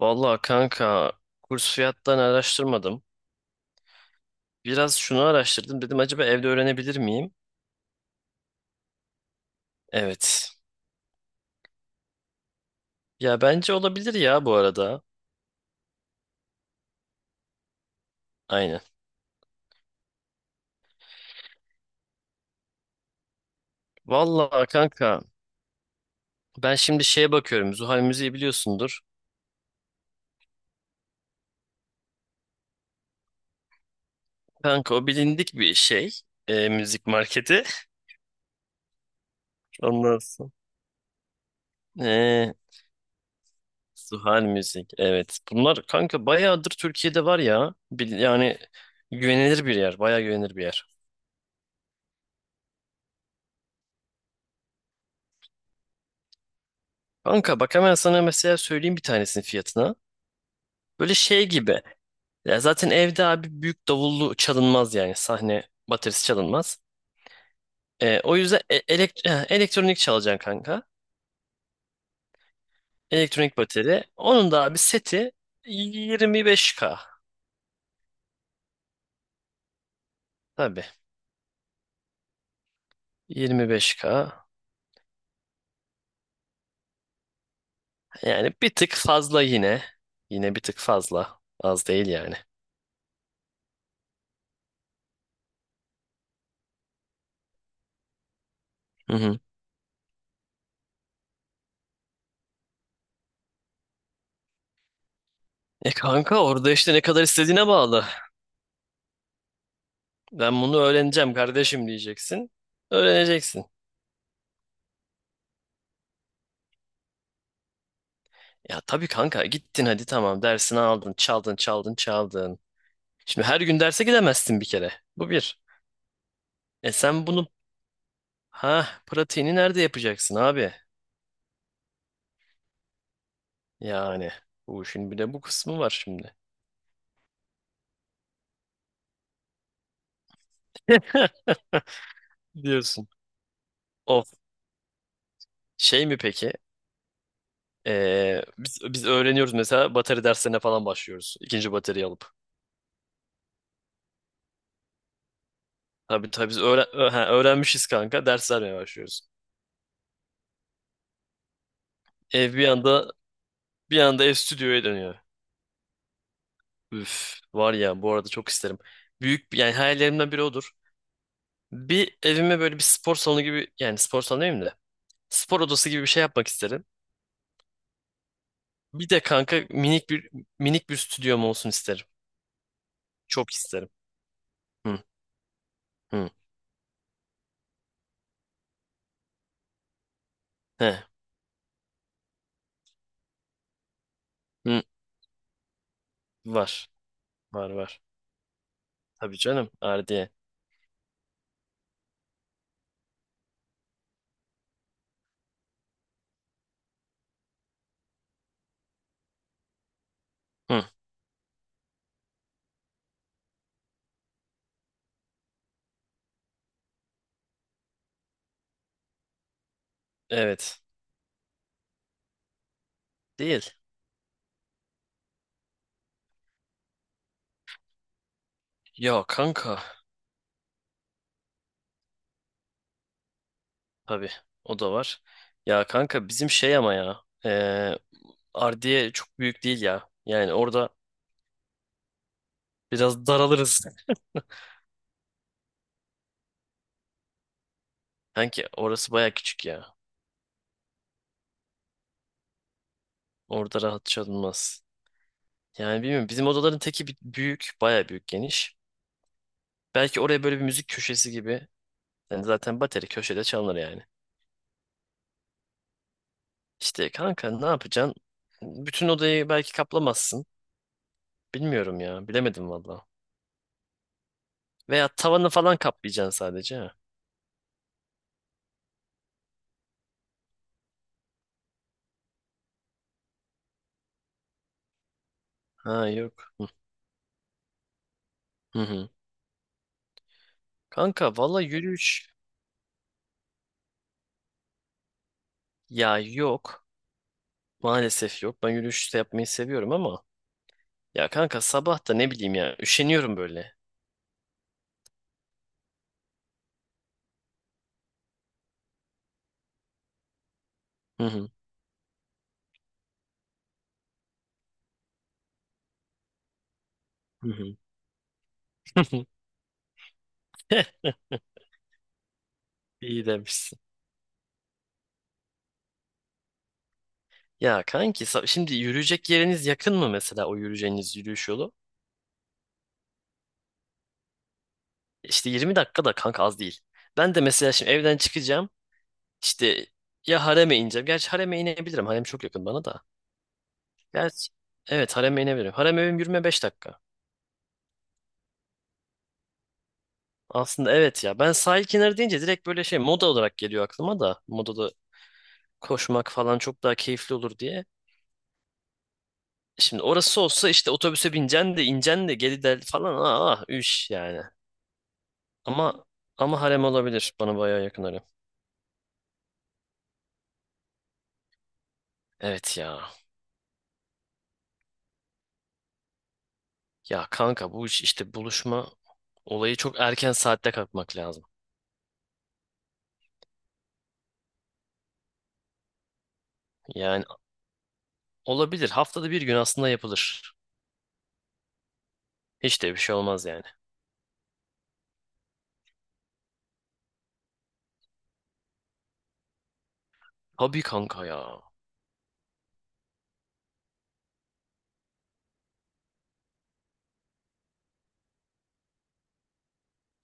Vallahi kanka kurs fiyattan araştırmadım. Biraz şunu araştırdım. Dedim acaba evde öğrenebilir miyim? Evet. Ya bence olabilir ya bu arada. Aynen. Vallahi kanka ben şimdi şeye bakıyorum. Zuhal Müziği biliyorsundur. Kanka o bilindik bir şey. Müzik marketi. Ondan sonra. E, Zuhal Müzik. Evet. Bunlar kanka bayağıdır Türkiye'de var ya. Yani güvenilir bir yer. Bayağı güvenilir bir yer. Kanka bak hemen sana mesela söyleyeyim bir tanesinin fiyatına. Böyle şey gibi. Ya zaten evde abi büyük davullu çalınmaz yani. Sahne baterisi çalınmaz. O yüzden elektronik çalacaksın kanka. Elektronik bateri. Onun da abi seti 25K. Tabii. 25K. Yani bir tık fazla yine. Yine bir tık fazla. Az değil yani. Hı hı. E kanka orada işte ne kadar istediğine bağlı. Ben bunu öğreneceğim kardeşim diyeceksin. Öğreneceksin. Ya tabii kanka gittin hadi tamam dersini aldın çaldın çaldın çaldın. Şimdi her gün derse gidemezsin bir kere. Bu bir. E sen bunu, ha pratiğini nerede yapacaksın abi? Yani bu işin bir de bu kısmı var şimdi. Diyorsun. Of şey mi peki? Biz öğreniyoruz mesela bateri derslerine falan başlıyoruz. İkinci bateriyi alıp. Tabii tabii biz öğrenmişiz kanka ders vermeye başlıyoruz. Ev bir anda ev stüdyoya dönüyor. Üf, var ya bu arada çok isterim. Büyük yani hayallerimden biri odur. Bir evime böyle bir spor salonu gibi yani spor salonu demeyeyim de spor odası gibi bir şey yapmak isterim. Bir de kanka minik bir stüdyom olsun isterim. Çok isterim. Hı hı. He. Hı. Var. Var var. Tabii canım. Ardiye. Hı. Evet. Değil. Ya kanka. Tabii. O da var. Ya kanka bizim şey ama ya. Ardiye çok büyük değil ya. Yani orada biraz daralırız. Kanki orası baya küçük ya. Orada rahat çalınmaz. Yani bilmiyorum. Bizim odaların teki büyük. Baya büyük geniş. Belki oraya böyle bir müzik köşesi gibi. Yani zaten bateri köşede çalınır yani. İşte kanka ne yapacaksın? Bütün odayı belki kaplamazsın. Bilmiyorum ya. Bilemedim valla. Veya tavanı falan kaplayacaksın sadece. Ha, ha yok. Hı hı. Kanka valla yürüyüş ya yok. Maalesef yok. Ben yürüyüş de yapmayı seviyorum ama ya kanka sabah da ne bileyim ya üşeniyorum böyle. Hı hı. Hı hı. Heh, iyi demişsin. Ya kanki şimdi yürüyecek yeriniz yakın mı mesela o yürüyeceğiniz yürüyüş yolu? İşte 20 dakika da kanka az değil. Ben de mesela şimdi evden çıkacağım. İşte ya hareme ineceğim. Gerçi hareme inebilirim. Harem çok yakın bana da. Gerçi evet hareme inebilirim. Harem evim yürüme 5 dakika. Aslında evet ya. Ben sahil kenarı deyince direkt böyle şey moda olarak geliyor aklıma da. Modada koşmak falan çok daha keyifli olur diye. Şimdi orası olsa işte otobüse bineceksin de ineceksin de geri del falan. Aa, üş yani. Ama ama harem olabilir. Bana bayağı yakın harem. Evet ya. Ya kanka bu iş işte buluşma olayı çok erken saatte kalkmak lazım. Yani olabilir. Haftada bir gün aslında yapılır. Hiç de bir şey olmaz yani. Tabii kanka ya.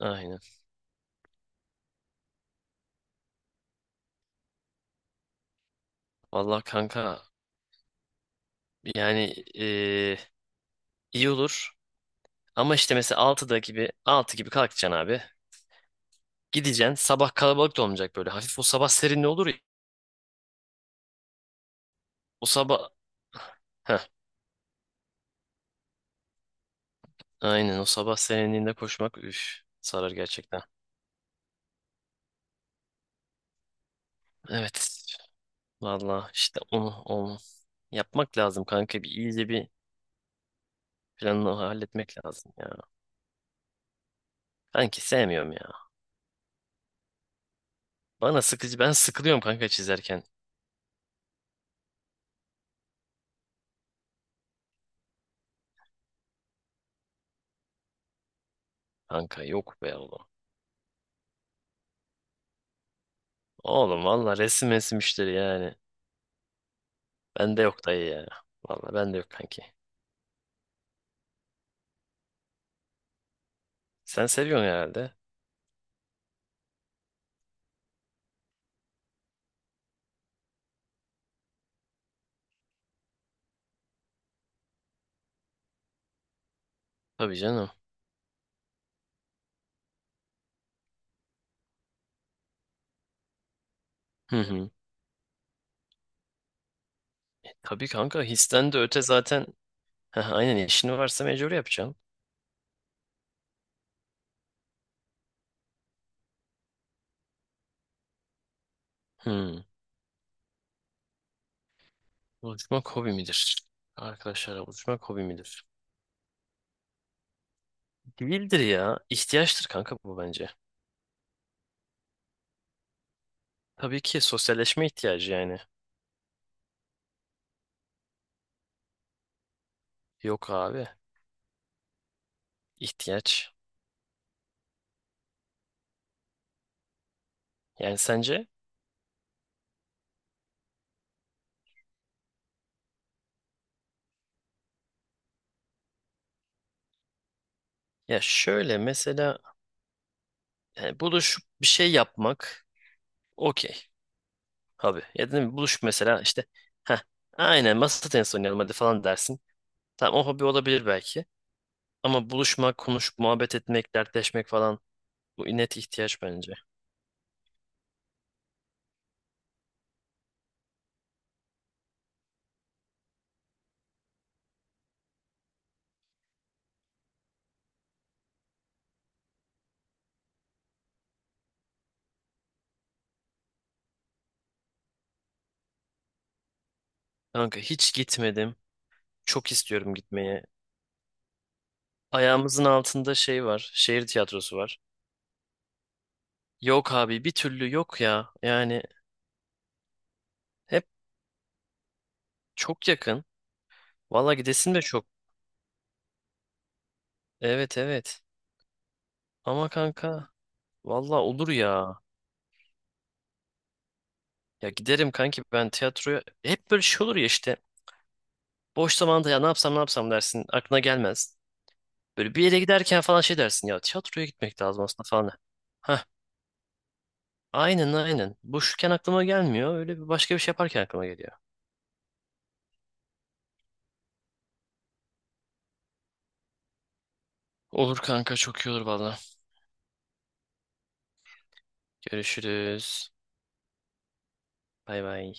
Aynen. Vallahi kanka yani iyi olur. Ama işte mesela altı gibi kalkacaksın abi. Gideceksin. Sabah kalabalık da olmayacak böyle. Hafif o sabah serinliği olur ya. O sabah Heh, aynen o sabah serinliğinde koşmak üf sarar gerçekten. Evet. Valla işte onu yapmak lazım kanka. Bir iyice bir planını halletmek lazım ya. Kanki sevmiyorum ya. Bana sıkıcı. Ben sıkılıyorum kanka çizerken. Kanka yok be oğlum. Oğlum valla resim resim işleri yani. Bende yok dayı ya. Valla bende yok kanki. Sen seviyorsun herhalde. Tabii canım. Hı hı. Tabii kanka histen de öte zaten. Heh, aynen işini varsa mecbur yapacaksın. Hı. Buluşmak hobi midir? Arkadaşlarla buluşmak hobi midir? Değildir ya. İhtiyaçtır kanka bu bence. Tabii ki sosyalleşme ihtiyacı yani. Yok abi. İhtiyaç. Yani sence? Ya şöyle mesela yani buluşup bir şey yapmak okey abi. Ya dedim buluşup mesela işte ha aynen masa tenisi oynayalım hadi falan dersin. Tamam o hobi olabilir belki. Ama buluşmak, konuşup muhabbet etmek, dertleşmek falan bu net ihtiyaç bence. Kanka hiç gitmedim. Çok istiyorum gitmeye. Ayağımızın altında şey var. Şehir tiyatrosu var. Yok abi bir türlü yok ya. Yani hep çok yakın. Valla gidesin de çok. Evet evet. Ama kanka valla olur ya. Ya giderim kanki ben tiyatroya. Hep böyle şey olur ya işte. Boş zamanda ya ne yapsam ne yapsam dersin. Aklına gelmez. Böyle bir yere giderken falan şey dersin. Ya tiyatroya gitmek lazım aslında falan. Heh aynen aynen. Boşken aklıma gelmiyor. Öyle bir başka bir şey yaparken aklıma geliyor. Olur kanka çok iyi olur valla. Görüşürüz. Bay bay.